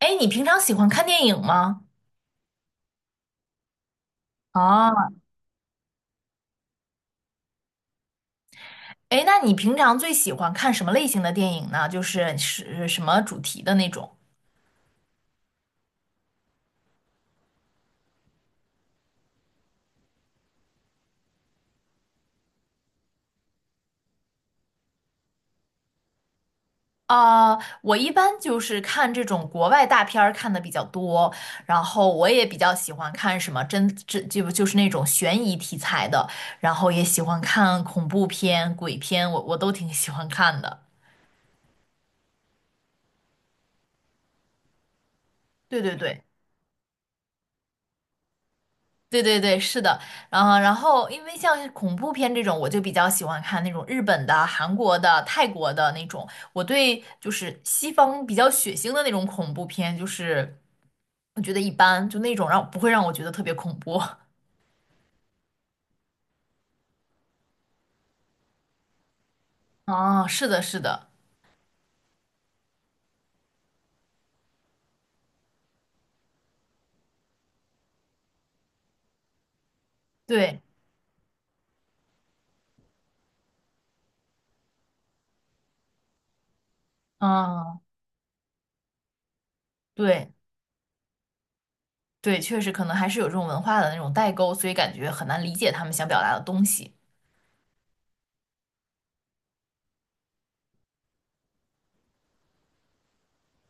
哎，你平常喜欢看电影吗？啊，哎，那你平常最喜欢看什么类型的电影呢？就是什么主题的那种？啊、我一般就是看这种国外大片儿看的比较多，然后我也比较喜欢看什么真就是那种悬疑题材的，然后也喜欢看恐怖片、鬼片，我都挺喜欢看的。对对对。对对对，是的，然后因为像是恐怖片这种，我就比较喜欢看那种日本的、韩国的、泰国的那种。我对就是西方比较血腥的那种恐怖片，就是我觉得一般，就那种让不会让我觉得特别恐怖。啊，是的，是的，对，嗯，对对，确实可能还是有这种文化的那种代沟，所以感觉很难理解他们想表达的东西。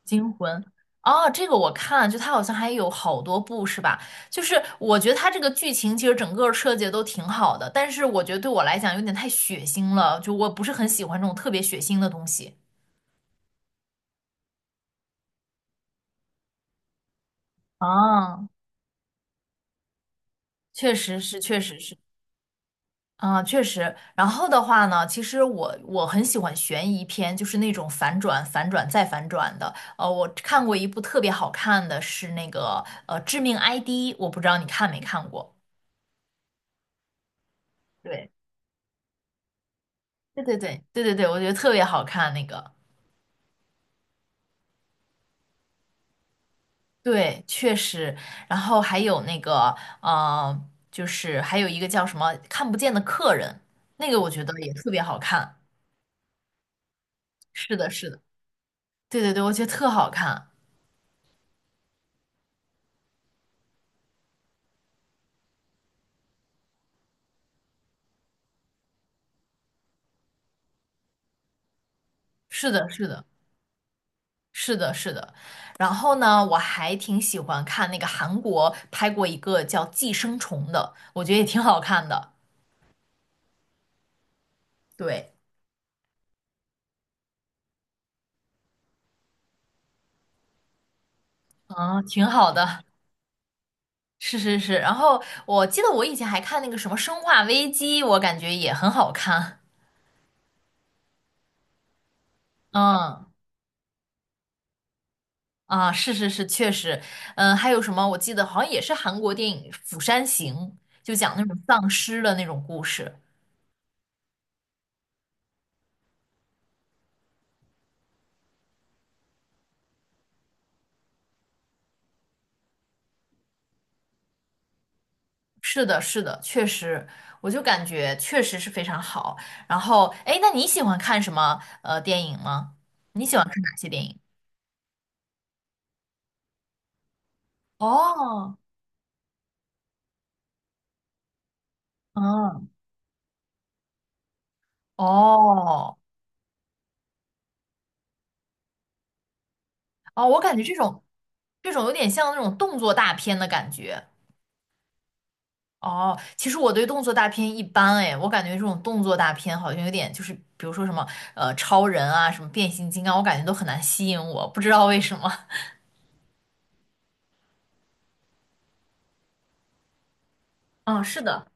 惊魂哦，这个我看就它好像还有好多部是吧？就是我觉得它这个剧情其实整个设计得都挺好的，但是我觉得对我来讲有点太血腥了，就我不是很喜欢这种特别血腥的东西。啊，确实是，确实是，啊，确实。然后的话呢，其实我很喜欢悬疑片，就是那种反转、反转再反转的。我看过一部特别好看的是那个《致命 ID》，我不知道你看没看过。对。对对对对对对，我觉得特别好看那个，对，确实。然后还有那个，就是还有一个叫什么“看不见的客人”，那个我觉得也特别好看。是的，是的，对对对，我觉得特好看。是的，是的，是的，是的。然后呢，我还挺喜欢看那个韩国拍过一个叫《寄生虫》的，我觉得也挺好看的。对，嗯，挺好的。是是是。然后我记得我以前还看那个什么《生化危机》，我感觉也很好看。嗯啊，是是是，确实。嗯，还有什么？我记得好像也是韩国电影《釜山行》，就讲那种丧尸的那种故事。是的，是的，确实，我就感觉确实是非常好。然后，哎，那你喜欢看什么电影吗？你喜欢看哪些电影？哦，嗯，哦，哦，我感觉这种有点像那种动作大片的感觉，哦，其实我对动作大片一般哎，我感觉这种动作大片好像有点就是，比如说什么超人啊，什么变形金刚，我感觉都很难吸引我，不知道为什么。嗯，是的。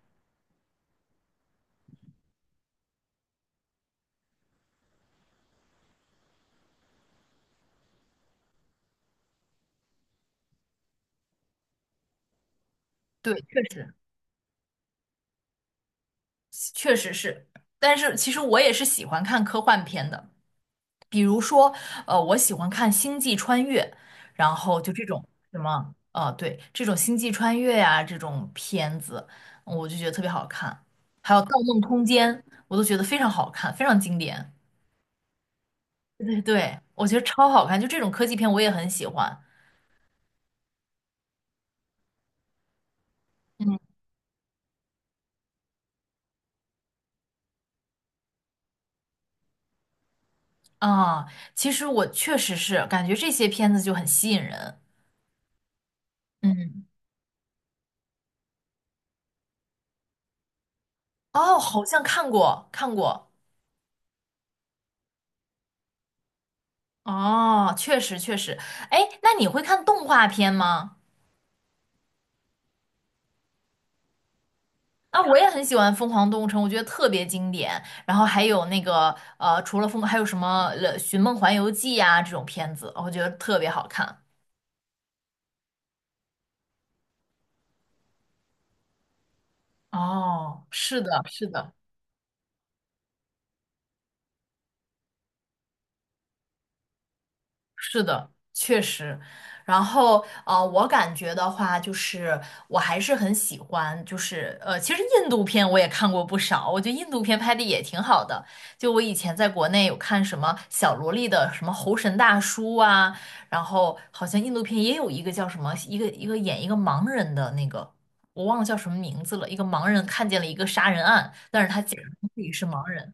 对，确实，确实是。但是其实我也是喜欢看科幻片的，比如说我喜欢看《星际穿越》，然后就这种什么对，这种《星际穿越》呀这种片子，我就觉得特别好看。还有《盗梦空间》，我都觉得非常好看，非常经典。对对，我觉得超好看，就这种科技片我也很喜欢。嗯啊，其实我确实是感觉这些片子就很吸引人。嗯，哦，好像看过看过，哦，确实确实。哎，那你会看动画片吗？啊，我也很喜欢《疯狂动物城》，我觉得特别经典。然后还有那个除了疯，还有什么《寻梦环游记》呀这种片子，我觉得特别好看。哦，是的，是的。是的，确实。然后，我感觉的话，就是我还是很喜欢，就是其实印度片我也看过不少，我觉得印度片拍的也挺好的。就我以前在国内有看什么小萝莉的什么《猴神大叔》啊，然后好像印度片也有一个叫什么，一个演一个盲人的那个，我忘了叫什么名字了。一个盲人看见了一个杀人案，但是他假装自己是盲人。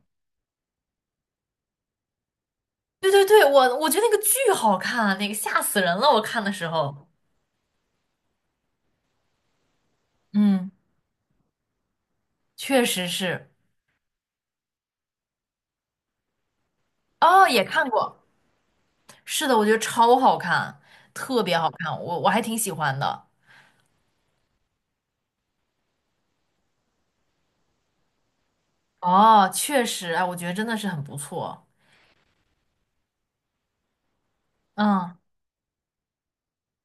对对对，我觉得那个巨好看啊，那个吓死人了，我看的时候。嗯，确实是。哦，也看过。是的，我觉得超好看，特别好看，我还挺喜欢的。哦，确实，哎，我觉得真的是很不错。嗯，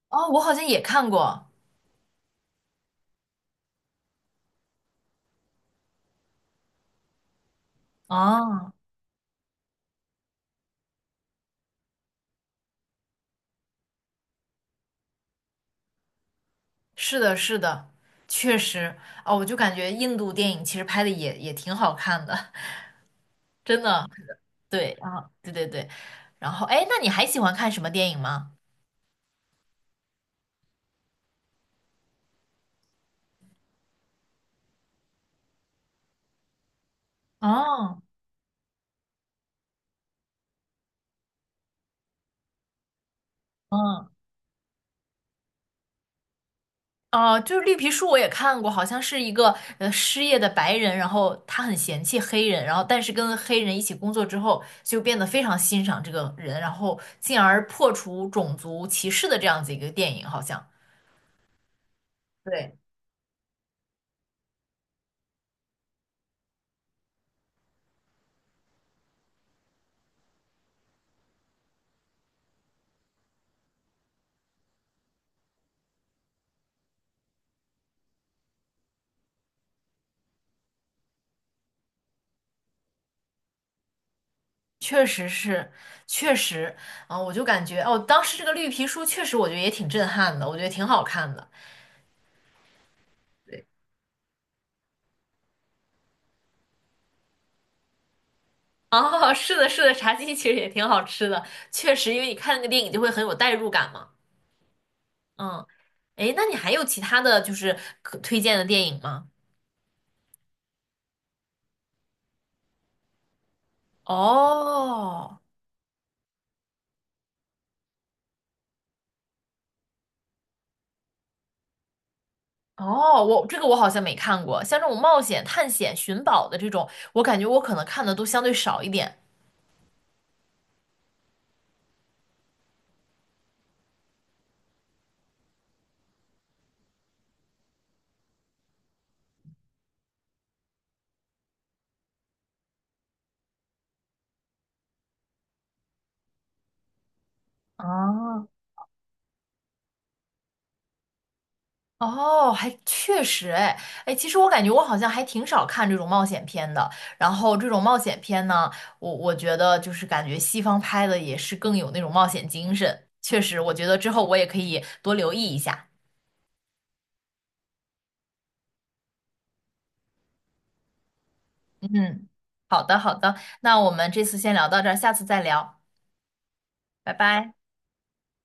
哦，我好像也看过。哦，是的，是的，确实。哦，我就感觉印度电影其实拍的也挺好看的，真的。对，啊，对对对。然后，哎，那你还喜欢看什么电影吗？哦，嗯。哦，就是绿皮书我也看过，好像是一个失业的白人，然后他很嫌弃黑人，然后但是跟黑人一起工作之后，就变得非常欣赏这个人，然后进而破除种族歧视的这样子一个电影，好像。对，确实是，确实，啊、我就感觉哦，当时这个绿皮书确实我觉得也挺震撼的，我觉得挺好看的。哦，是的，是的，茶鸡其实也挺好吃的，确实，因为你看那个电影就会很有代入感嘛。嗯。诶，那你还有其他的就是可推荐的电影吗？哦哦，我这个我好像没看过，像这种冒险、探险、寻宝的这种，我感觉我可能看的都相对少一点。哦，哦，还确实，哎，哎，其实我感觉我好像还挺少看这种冒险片的。然后这种冒险片呢，我觉得就是感觉西方拍的也是更有那种冒险精神。确实，我觉得之后我也可以多留意一下。嗯，好的好的，那我们这次先聊到这儿，下次再聊，拜拜。